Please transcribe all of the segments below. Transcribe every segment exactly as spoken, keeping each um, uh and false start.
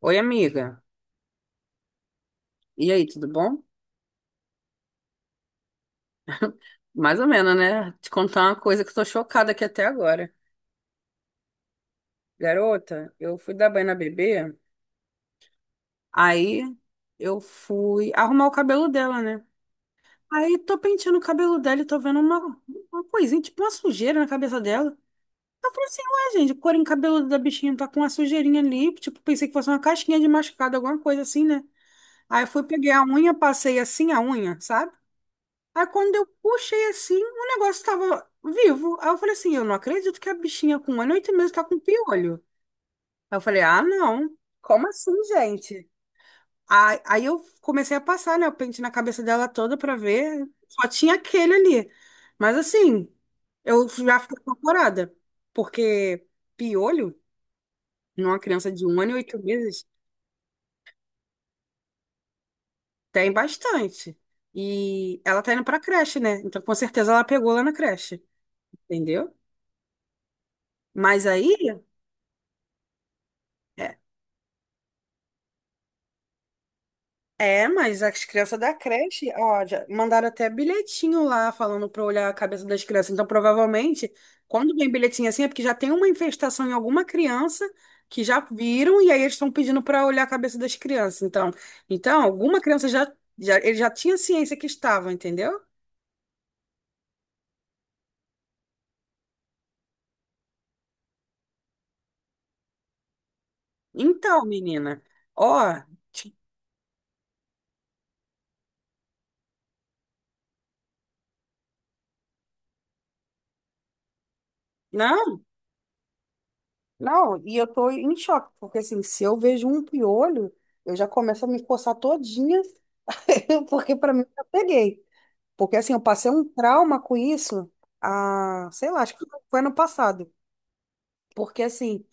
Oi, amiga. E aí, tudo bom? Mais ou menos, né? Te contar uma coisa que eu tô chocada aqui até agora. Garota, eu fui dar banho na bebê, aí eu fui arrumar o cabelo dela, né? Aí tô penteando o cabelo dela e tô vendo uma, uma coisinha, tipo uma sujeira na cabeça dela. Eu falei assim, ué, gente, o couro cabeludo da bichinha tá com uma sujeirinha ali. Tipo, pensei que fosse uma casquinha de machucado, alguma coisa assim, né? Aí eu fui, peguei a unha, passei assim a unha, sabe? Aí quando eu puxei assim, o negócio tava vivo. Aí eu falei assim, eu não acredito que a bichinha com um ano e oito meses tá com piolho. Aí eu falei, ah, não. Como assim, gente? Aí, aí eu comecei a passar, né, o pente na cabeça dela toda pra ver. Só tinha aquele ali. Mas assim, eu já fiquei apavorada. Porque piolho, numa criança de um ano e oito meses, tem bastante. E ela tá indo pra creche, né? Então com certeza ela pegou lá na creche, entendeu? Mas aí... É, é, mas as crianças da creche, ó, já mandaram até bilhetinho lá falando pra olhar a cabeça das crianças. Então, provavelmente, quando vem bilhetinho assim, é porque já tem uma infestação em alguma criança que já viram e aí eles estão pedindo pra olhar a cabeça das crianças. Então, então alguma criança já, já, ele já tinha ciência que estava, entendeu? Então, menina, ó, ti- não, não, e eu tô em choque, porque assim, se eu vejo um piolho, eu já começo a me coçar todinha, porque pra mim eu já peguei. Porque assim, eu passei um trauma com isso, a, sei lá, acho que foi ano passado. Porque assim,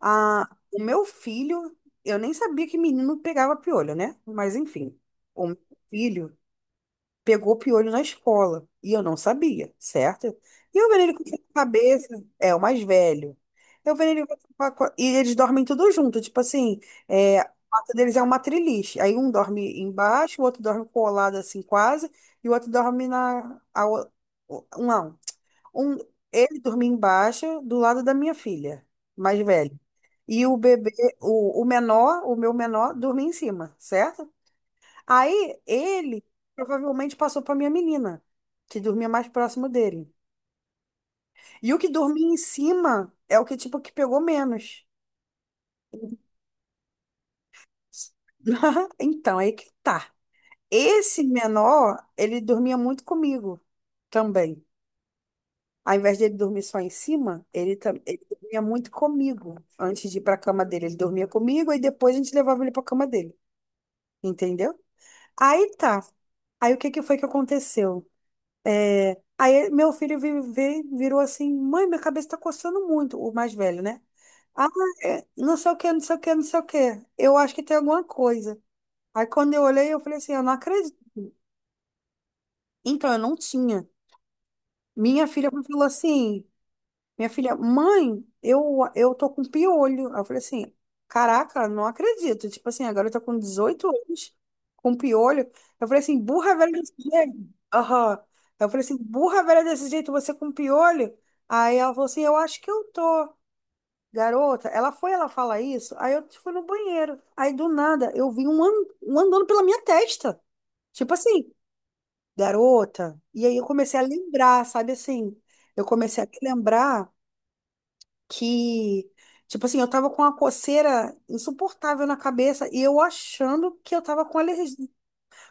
a, o meu filho, eu nem sabia que menino pegava piolho, né? Mas enfim, o meu filho pegou piolho na escola. E eu não sabia, certo? E eu vendo ele com essa cabeça, é o mais velho. Eu vendo ele com essa co- e eles dormem tudo junto, tipo assim, é, a quarto deles é uma triliche. Aí um dorme embaixo, o outro dorme colado assim quase, e o outro dorme na a o- o- não, um ele dormia embaixo do lado da minha filha, mais velha. E o bebê, o, o menor, o meu menor, dormia em cima, certo? Aí ele provavelmente passou para minha menina, que dormia mais próximo dele. E o que dormia em cima é o que tipo que pegou menos. Então, aí que tá. Esse menor, ele dormia muito comigo também. Ao invés dele dormir só em cima, ele, tam- ele dormia muito comigo antes de ir para a cama dele. Ele dormia comigo e depois a gente levava ele para a cama dele. Entendeu? Aí tá. Aí o que que foi que aconteceu? É, aí meu filho vi- vi- virou assim, mãe, minha cabeça tá coçando muito, o mais velho, né? Ah, é, não sei o que, não sei o que, não sei o que. Eu acho que tem alguma coisa. Aí quando eu olhei, eu falei assim, eu não acredito. Então, eu não tinha. Minha filha falou assim, minha filha, mãe, eu, eu tô com piolho. Aí eu falei assim, caraca, não acredito. Tipo assim, agora eu tô com dezoito anos, com piolho. Eu falei assim, burra velha desse jeito. Aham. Eu falei assim, burra velha desse jeito, você com piolho? Aí ela falou assim, eu acho que eu tô. Garota, ela foi, ela fala isso. Aí eu fui no banheiro. Aí do nada, eu vi um, an- um andando pela minha testa. Tipo assim, garota. E aí eu comecei a lembrar, sabe assim? Eu comecei a lembrar que, tipo assim, eu tava com uma coceira insuportável na cabeça e eu achando que eu tava com alergia,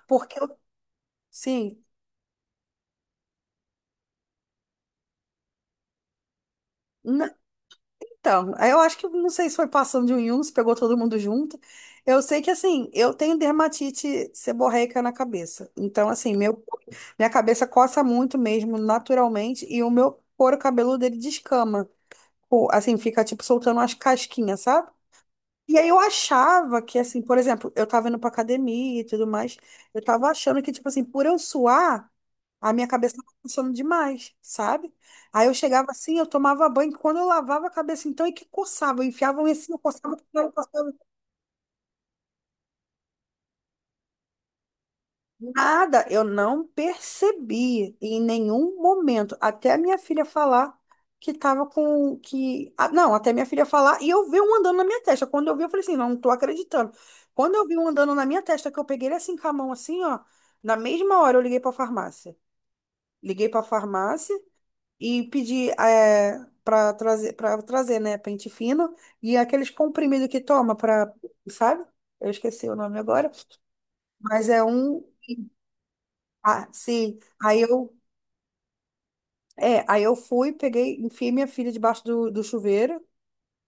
porque eu, sim, na- então, aí eu acho que, não sei se foi passando de um em um, se pegou todo mundo junto, eu sei que, assim, eu tenho dermatite seborreica na cabeça, então, assim, meu, minha cabeça coça muito mesmo, naturalmente, e o meu couro cabeludo, ele descama. O- assim, fica, tipo, soltando umas casquinhas, sabe? E aí eu achava que, assim, por exemplo, eu tava indo pra academia e tudo mais, eu tava achando que, tipo assim, por eu suar, a minha cabeça tava funcionando demais, sabe? Aí eu chegava assim, eu tomava banho, quando eu lavava a cabeça, então, e que coçava, eu enfiava um assim, eu coçava. Nada, eu não percebi em nenhum momento, até a minha filha falar que tava com que, ah, não, até minha filha falar e eu vi um andando na minha testa. Quando eu vi, eu falei assim, não, não tô acreditando. Quando eu vi um andando na minha testa, que eu peguei ele assim com a mão assim, ó, na mesma hora eu liguei pra farmácia. Liguei pra farmácia e pedi é, para trazer para trazer, né, pente fino e aqueles comprimidos que toma para, sabe? Eu esqueci o nome agora, mas é um ah, sim. Aí eu, é, aí eu fui, peguei, enfiei minha filha debaixo do, do chuveiro.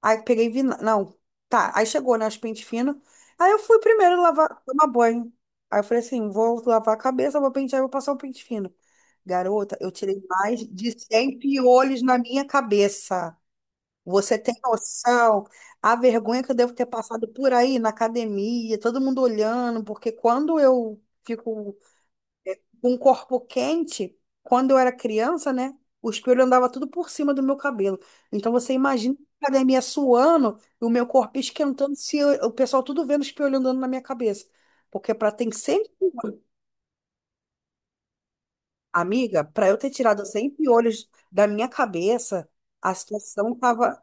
Aí peguei, vi, não, tá. Aí chegou, né, os pente fino. Aí eu fui primeiro lavar, tomar banho. Aí eu falei assim, vou lavar a cabeça, vou pentear, vou passar o pente fino. Garota, eu tirei mais de cem piolhos na minha cabeça. Você tem noção? A vergonha que eu devo ter passado por aí na academia, todo mundo olhando, porque quando eu fico um corpo quente, quando eu era criança, né? O espelho andava tudo por cima do meu cabelo. Então você imagina a academia suando e o meu corpo esquentando, se eu- o pessoal tudo vendo o espelho andando na minha cabeça. Porque para ter sempre, amiga, para eu ter tirado cem piolhos da minha cabeça, a situação tava,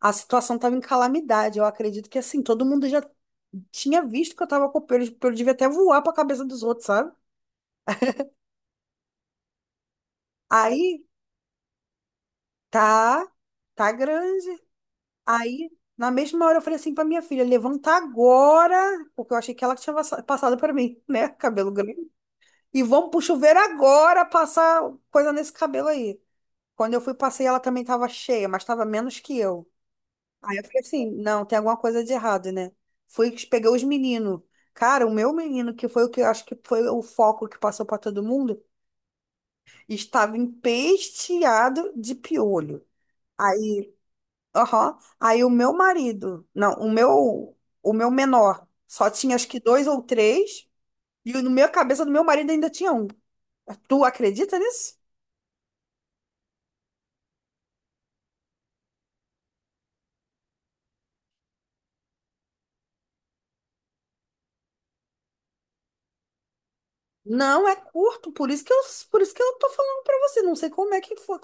a situação tava em calamidade. Eu acredito que assim, todo mundo já tinha visto que eu tava com piolho, o piolho devia até voar para a cabeça dos outros, sabe? Aí, tá. Tá grande. Aí, na mesma hora, eu falei assim pra minha filha: levanta agora, porque eu achei que ela tinha passa- passado pra mim, né? Cabelo grande. E vamos pro chuveiro agora passar coisa nesse cabelo aí. Quando eu fui, passei, ela também tava cheia, mas tava menos que eu. Aí eu falei assim: não, tem alguma coisa de errado, né? Fui, peguei os meninos. Cara, o meu menino, que foi o que eu acho que foi o foco que passou pra todo mundo, estava empesteado de piolho. Aí. Aham. Aí o meu marido, não, o meu, o meu menor, só tinha acho que dois ou três, e no meu cabeça do meu marido ainda tinha um. Tu acredita nisso? Não, é curto, por isso que eu, por isso que eu, tô falando pra você, não sei como é que foi,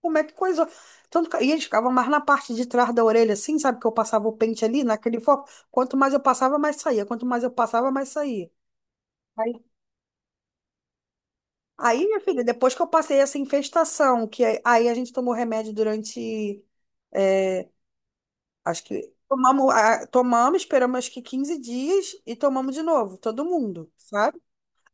como é que coisou. Tanto, que- e eles ficavam mais na parte de trás da orelha, assim, sabe, que eu passava o pente ali, naquele foco. Quanto mais eu passava, mais saía, quanto mais eu passava, mais saía. Aí, minha filha, depois que eu passei essa infestação, que aí aí a gente tomou remédio durante, é, acho que tomamos, a- tomamos, esperamos acho que quinze dias e tomamos de novo, todo mundo, sabe?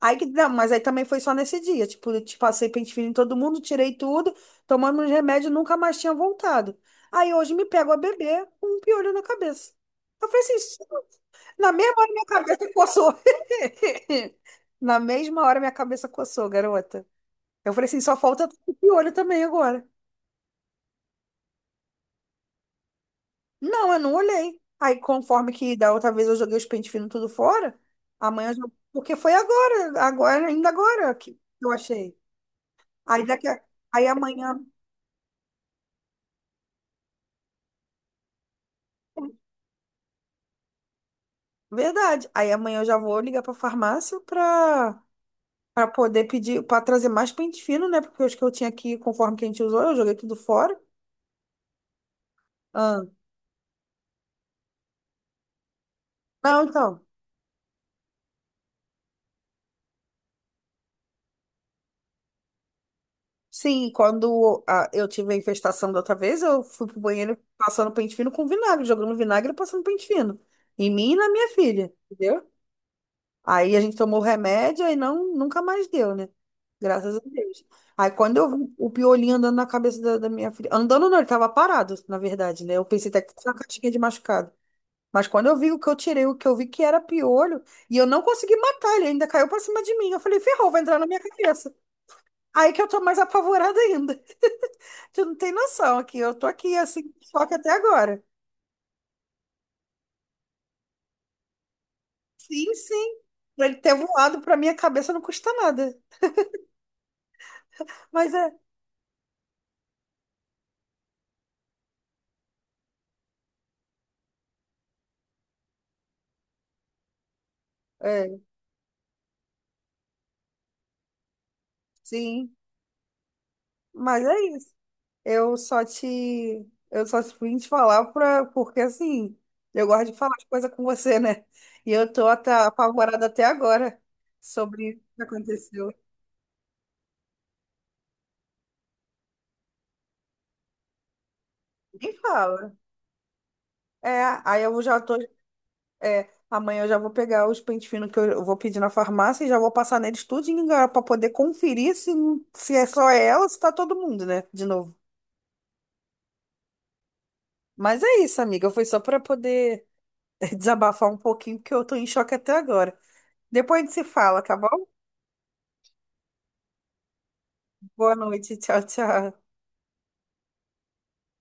Aí que não, mas aí também foi só nesse dia, tipo, eu te passei pente fino em todo mundo, tirei tudo, tomamos os remédios, nunca mais tinha voltado. Aí hoje me pego a beber com um piolho na cabeça. Eu falei assim, "Isso- na mesma hora minha cabeça coçou. Na mesma hora minha cabeça coçou, garota. Eu falei assim, só falta tu de olho também agora. Não, eu não olhei. Aí, conforme que da outra vez eu joguei os pente fino tudo fora, amanhã eu jogo. Porque foi agora, agora, ainda agora que eu achei. Aí daqui a... Aí amanhã... Verdade. Aí amanhã eu já vou ligar pra farmácia pra, pra poder pedir, pra trazer mais pente fino, né? Porque os que eu tinha aqui, conforme que a gente usou, eu joguei tudo fora. Ah. Não, então. Sim, quando ah, eu tive a infestação da outra vez, eu fui pro banheiro passando pente fino com vinagre, jogando vinagre e passando pente fino. Em mim e na minha filha, entendeu? Aí a gente tomou remédio e não, nunca mais deu, né? Graças a Deus. Aí quando eu vi o piolinho andando na cabeça da, da minha filha. Andando não, ele tava parado, na verdade, né? Eu pensei até que fosse uma caixinha de machucado. Mas quando eu vi o que eu tirei, o que eu vi que era piolho, e eu não consegui matar, ele ainda caiu pra cima de mim. Eu falei, ferrou, vai entrar na minha cabeça. Aí que eu tô mais apavorada ainda. Tu não tem noção aqui. Eu tô aqui assim, em choque até agora. Sim, sim. Pra ele ter voado pra minha cabeça não custa nada. Mas é, é, sim. Mas é isso. Eu só te, eu só te vim te falar pra, porque assim, eu gosto de falar as coisas com você, né? E eu tô até apavorada até agora sobre o que aconteceu. Nem fala. É, aí eu já tô É, amanhã eu já vou pegar os pente finos que eu eu vou pedir na farmácia e já vou passar neles tudinho para poder conferir se, não- se é só ela, se tá todo mundo, né? De novo. Mas é isso, amiga. Foi só para poder desabafar um pouquinho, porque eu tô em choque até agora. Depois a gente se fala, tá bom? Boa noite. Tchau, tchau.